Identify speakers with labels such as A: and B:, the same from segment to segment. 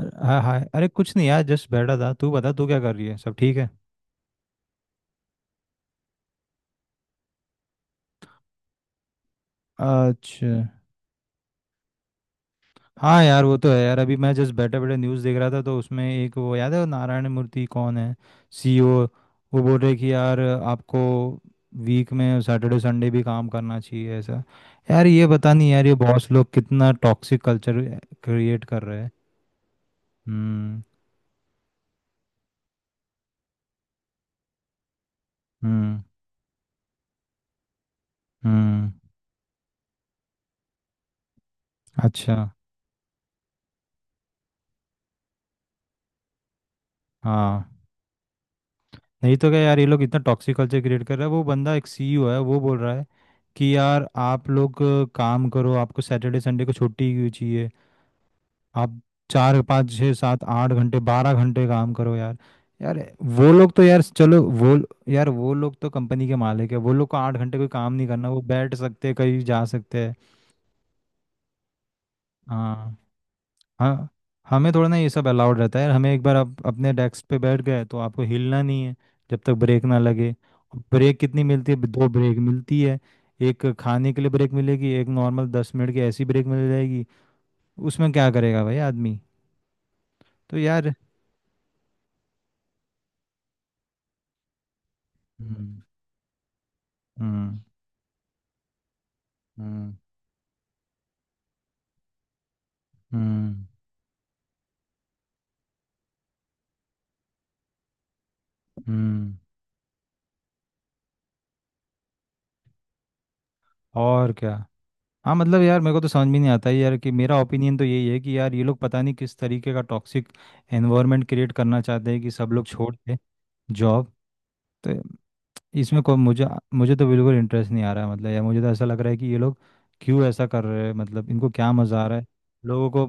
A: हाँ हाँ, अरे कुछ नहीं यार, जस्ट बैठा था। तू बता, तू क्या कर रही है? सब ठीक है? अच्छा। हम्म। हाँ यार, वो तो है यार, अभी मैं जस्ट बैठे बैठे न्यूज़ देख रहा था, तो उसमें एक वो, याद है वो नारायण मूर्ति कौन है, सीईओ। वो बोल रहे कि यार आपको वीक में सैटरडे संडे भी काम करना चाहिए, ऐसा। यार ये पता नहीं यार, ये बॉस लोग कितना टॉक्सिक कल्चर क्रिएट कर रहे हैं। हम्म। हम्म। हम्म। अच्छा। हाँ। नहीं तो क्या यार, ये लोग इतना टॉक्सिक कल्चर क्रिएट कर रहा है। वो बंदा एक सीईओ है, वो बोल रहा है कि यार आप लोग काम करो, आपको सैटरडे संडे को छुट्टी क्यों चाहिए? आप 4, 5, 6, 7, 8 घंटे 12 घंटे काम करो यार। यार वो लोग तो यार चलो वो। यार वो लोग तो कंपनी के मालिक है, वो लोग को 8 घंटे कोई काम नहीं करना, वो बैठ सकते हैं, कहीं जा सकते हैं। हाँ। हाँ। हमें थोड़ा ना ये सब अलाउड रहता है यार, हमें एक बार आप अपने डेस्क पे बैठ गए तो आपको हिलना नहीं है जब तक ब्रेक ना लगे। ब्रेक कितनी मिलती है? दो ब्रेक मिलती है। एक खाने के लिए ब्रेक मिलेगी, एक नॉर्मल 10 मिनट की ऐसी ब्रेक मिल जाएगी। उसमें क्या करेगा भाई आदमी, तो यार। हम्म। हम्म। हम्म। हम्म। हम्म, और क्या। हाँ मतलब यार, मेरे को तो समझ भी नहीं आता है यार कि मेरा ओपिनियन तो यही है कि यार ये लोग पता नहीं किस तरीके का टॉक्सिक एनवायरनमेंट क्रिएट करना चाहते हैं कि सब लोग छोड़ के जॉब। इसमें कोई मुझे मुझे तो बिल्कुल इंटरेस्ट नहीं आ रहा है, मतलब या मुझे तो ऐसा लग रहा है कि ये लोग क्यों ऐसा कर रहे हैं, मतलब इनको क्या मज़ा आ रहा है लोगों को?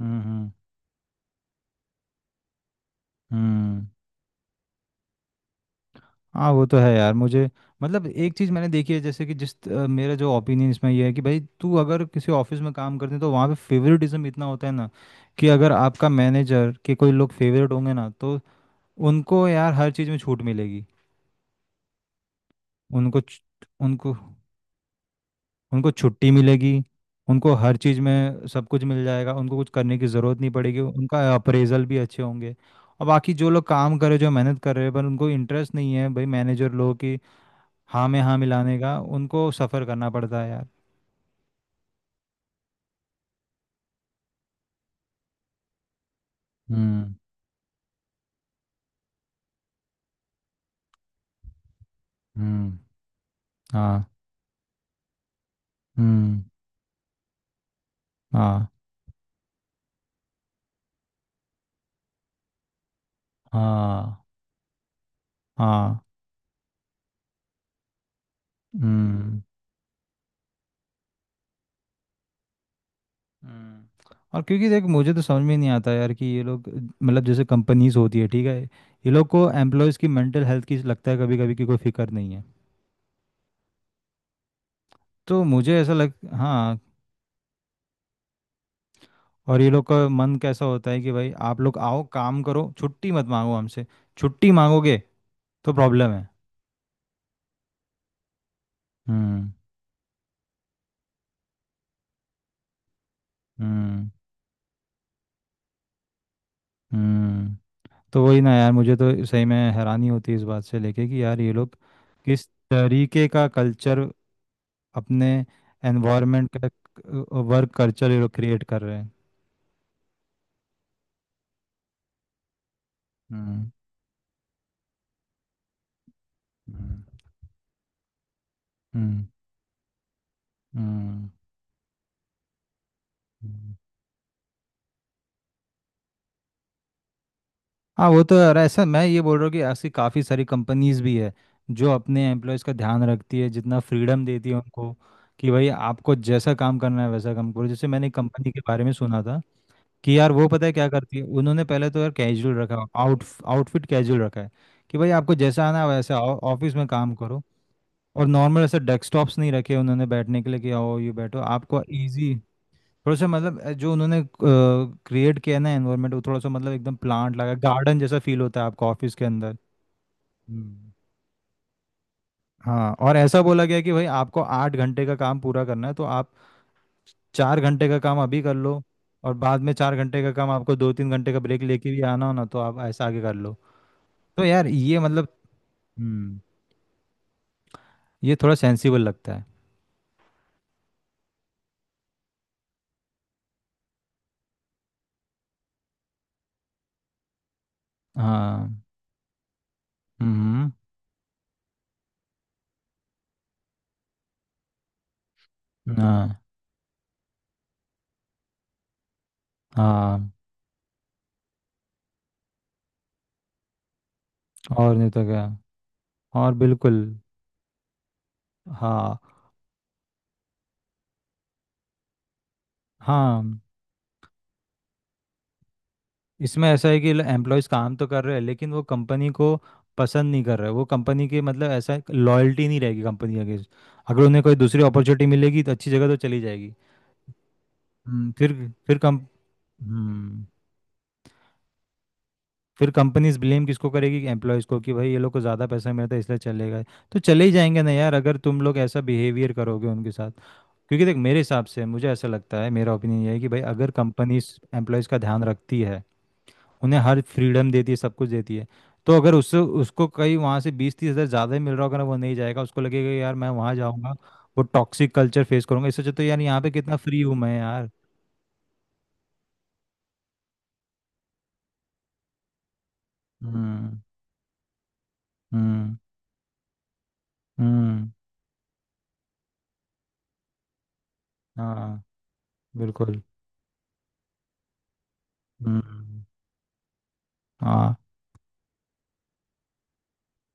A: हम्म। हम्म। हम्म। हाँ वो तो है यार, मुझे। मतलब एक चीज़ मैंने देखी है, जैसे कि जिस मेरा जो ओपिनियन इसमें ये है कि भाई तू अगर किसी ऑफिस में काम करते हैं तो वहाँ पे फेवरेटिज्म इतना होता है ना, कि अगर आपका मैनेजर के कोई लोग फेवरेट होंगे ना तो उनको यार हर चीज़ में छूट मिलेगी। उनको च- उनको उनको छुट्टी मिलेगी। उनको हर चीज़ में सब कुछ मिल जाएगा, उनको कुछ करने की ज़रूरत नहीं पड़ेगी, उनका अप्रेजल भी अच्छे होंगे। और बाकी जो लोग काम कर रहे, जो मेहनत कर रहे हैं, पर उनको इंटरेस्ट नहीं है, भाई मैनेजर लोगों की हाँ में हाँ मिलाने का उनको सफ़र करना पड़ता है यार। हम्म। हम्म। हाँ। हम्म। हाँ। हाँ। हाँ। हम्म। हम्म। और क्योंकि देख, मुझे तो समझ में नहीं आता यार कि ये लोग, मतलब जैसे कंपनीज होती है, ठीक है, ये लोग को एम्प्लॉयज़ की मेंटल हेल्थ की, लगता है कभी कभी कि कोई फिक्र नहीं है, तो मुझे ऐसा लग। हाँ। और ये लोग का मन कैसा होता है कि भाई आप लोग आओ काम करो, छुट्टी मत मांगो हमसे। छुट्टी मांगोगे तो प्रॉब्लम है। हम्म। हम्म। हम्म। तो वही ना यार, मुझे तो सही में हैरानी होती है इस बात से लेके कि यार ये लोग किस तरीके का कल्चर, अपने एनवायरनमेंट का वर्क कल्चर ये लोग क्रिएट कर रहे हैं। हम्म। हम्म। हम्म। हम्म, हम्म। हाँ वो तो यार, ऐसा मैं ये बोल रहा हूँ कि ऐसी काफ़ी सारी कंपनीज भी है जो अपने एम्प्लॉयज़ का ध्यान रखती है, जितना फ्रीडम देती है उनको, कि भाई आपको जैसा काम करना है वैसा काम करो। जैसे मैंने एक कंपनी के बारे में सुना था कि यार, वो पता है क्या करती है, उन्होंने पहले तो यार कैजुअल रखा, आउटफिट कैजुअल रखा है कि भाई आपको जैसा आना है वैसा आओ ऑफिस में काम करो। और नॉर्मल ऐसे डेस्कटॉप्स नहीं रखे उन्होंने बैठने के लिए कि आओ ये बैठो आपको इजी। थोड़ा सा मतलब जो उन्होंने क्रिएट किया है ना एनवायरनमेंट, वो थोड़ा सा मतलब एकदम प्लांट लगा, गार्डन जैसा फील होता है आपको ऑफिस के अंदर। हम्म। हाँ, और ऐसा बोला गया कि भाई आपको 8 घंटे का काम पूरा करना है तो आप 4 घंटे का काम अभी कर लो, और बाद में 4 घंटे का काम आपको 2-3 घंटे का ब्रेक लेके भी आना हो ना तो आप ऐसा आगे कर लो। तो यार ये मतलब। हम्म। ये थोड़ा सेंसिबल लगता है। हाँ। हम्म। हाँ। हाँ, और नहीं तो क्या, और बिल्कुल। हाँ। हाँ। इसमें ऐसा है कि एम्प्लॉयज़ काम तो कर रहे हैं लेकिन वो कंपनी को पसंद नहीं कर रहे, वो कंपनी के, मतलब ऐसा लॉयल्टी नहीं रहेगी कंपनी के अगेंस्ट। अगर उन्हें कोई दूसरी अपॉर्चुनिटी मिलेगी तो अच्छी जगह तो चली जाएगी। हम्म, फिर फिर कम, हम्म, फिर कंपनीज ब्लेम किसको करेगी कि एम्प्लॉयज़ को, कि भाई ये लोग को ज़्यादा पैसा मिलता है इसलिए चले गए। तो चले ही जाएंगे ना यार, अगर तुम लोग ऐसा बिहेवियर करोगे उनके साथ। क्योंकि देख, मेरे हिसाब से मुझे ऐसा लगता है, मेरा ओपिनियन ये है कि भाई अगर कंपनीज एम्प्लॉयज़ का ध्यान रखती है, उन्हें हर फ्रीडम देती है, सब कुछ देती है, तो अगर उससे उसको कहीं वहाँ से 20-30 हज़ार ज़्यादा ही मिल रहा होगा ना, वो नहीं जाएगा। उसको लगेगा यार मैं वहाँ जाऊँगा, वो टॉक्सिक कल्चर फेस करूँगा, इससे अच्छा तो यार यहाँ पे कितना फ्री हूँ मैं यार। हम्म। हम्म। हम्म। हाँ बिल्कुल। हम्म। हाँ।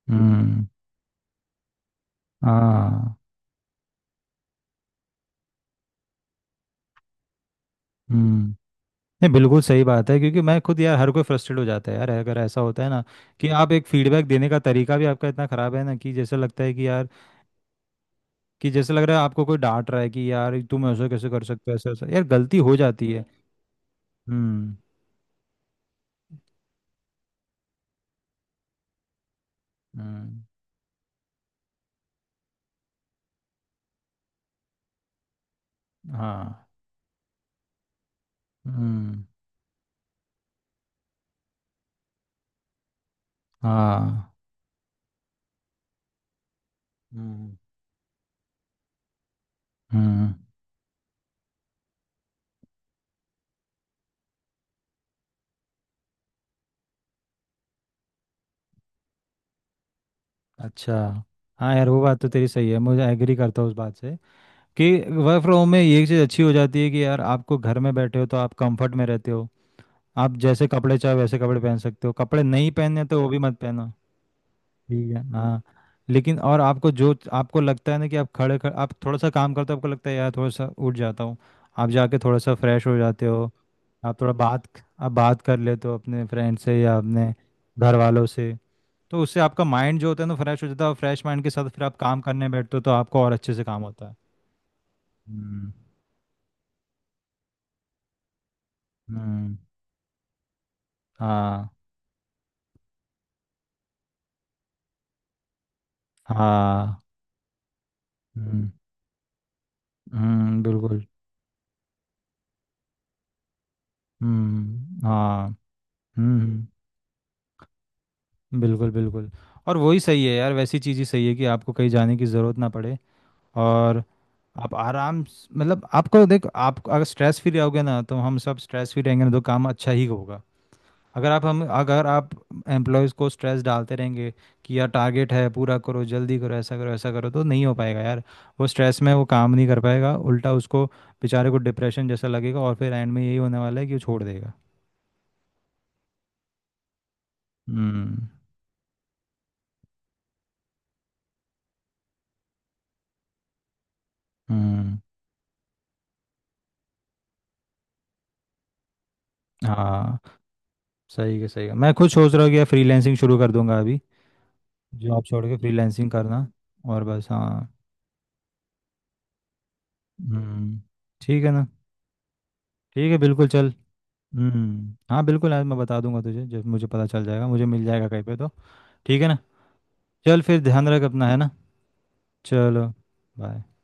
A: हम्म। हाँ। हम्म। नहीं बिल्कुल सही बात है, क्योंकि मैं खुद यार, हर कोई फ्रस्ट्रेट हो जाता है यार अगर ऐसा होता है ना, कि आप एक फीडबैक देने का तरीका भी आपका इतना खराब है ना, कि जैसे लगता है कि यार, कि जैसे लग रहा है आपको कोई डांट रहा है, कि यार तुम ऐसा कैसे कर सकते हो, ऐसा ऐसा यार गलती हो जाती है। हम्म। हम्म। हाँ। हम्म। हाँ। हम्म। हम्म। अच्छा। हाँ यार, वो बात तो तेरी सही है, मुझे एग्री करता हूँ उस बात से कि वर्क फ्रॉम होम में ये चीज़ अच्छी हो जाती है कि यार आपको घर में बैठे हो तो आप कंफर्ट में रहते हो। आप जैसे कपड़े चाहे वैसे कपड़े पहन सकते हो, कपड़े नहीं पहनने तो वो भी मत पहनो। ठीक है। हाँ। लेकिन और आपको जो आपको लगता है ना कि आप खड़े खड़े आप थोड़ा सा काम करते हो, आपको लगता है यार थोड़ा सा उठ जाता हूँ, आप जाके थोड़ा सा फ्रेश हो जाते हो, आप थोड़ा बात आप बात कर लेते हो अपने फ्रेंड से या अपने घर वालों से। तो उससे आपका माइंड जो होता है ना फ्रेश हो जाता है, और फ्रेश माइंड के साथ फिर आप काम करने बैठते हो तो आपको और अच्छे से काम होता है। हम्म। हम्म। हाँ। हाँ। हम्म। हम्म। बिल्कुल। हम्म। हाँ। हम्म। हम्म। बिल्कुल बिल्कुल। और वही सही है यार, वैसी चीज़ ही सही है कि आपको कहीं जाने की ज़रूरत ना पड़े। और मतलब आपको देख, आप अगर स्ट्रेस फ्री रहोगे ना तो हम सब स्ट्रेस फ्री रहेंगे ना तो काम अच्छा ही होगा। अगर आप एम्प्लॉयज़ को स्ट्रेस डालते रहेंगे कि यार टारगेट है पूरा करो, जल्दी करो, ऐसा करो ऐसा करो, तो नहीं हो पाएगा यार। वो स्ट्रेस में वो काम नहीं कर पाएगा, उल्टा उसको बेचारे को डिप्रेशन जैसा लगेगा, और फिर एंड में यही होने वाला है कि वो छोड़ देगा। हम्म। हम्म। हाँ। सही है सही है, मैं खुद सोच रहा हूँ कि फ्रीलैंसिंग शुरू कर दूंगा अभी। जॉब छोड़ के फ्रीलैंसिंग करना, और बस। हाँ। हम्म। ठीक है ना। ठीक है बिल्कुल, चल। हम्म। हाँ बिल्कुल, आज मैं बता दूंगा तुझे जब मुझे पता चल जाएगा, मुझे मिल जाएगा कहीं पे तो। ठीक है ना, चल फिर ध्यान रख अपना, है ना। चलो। बाय।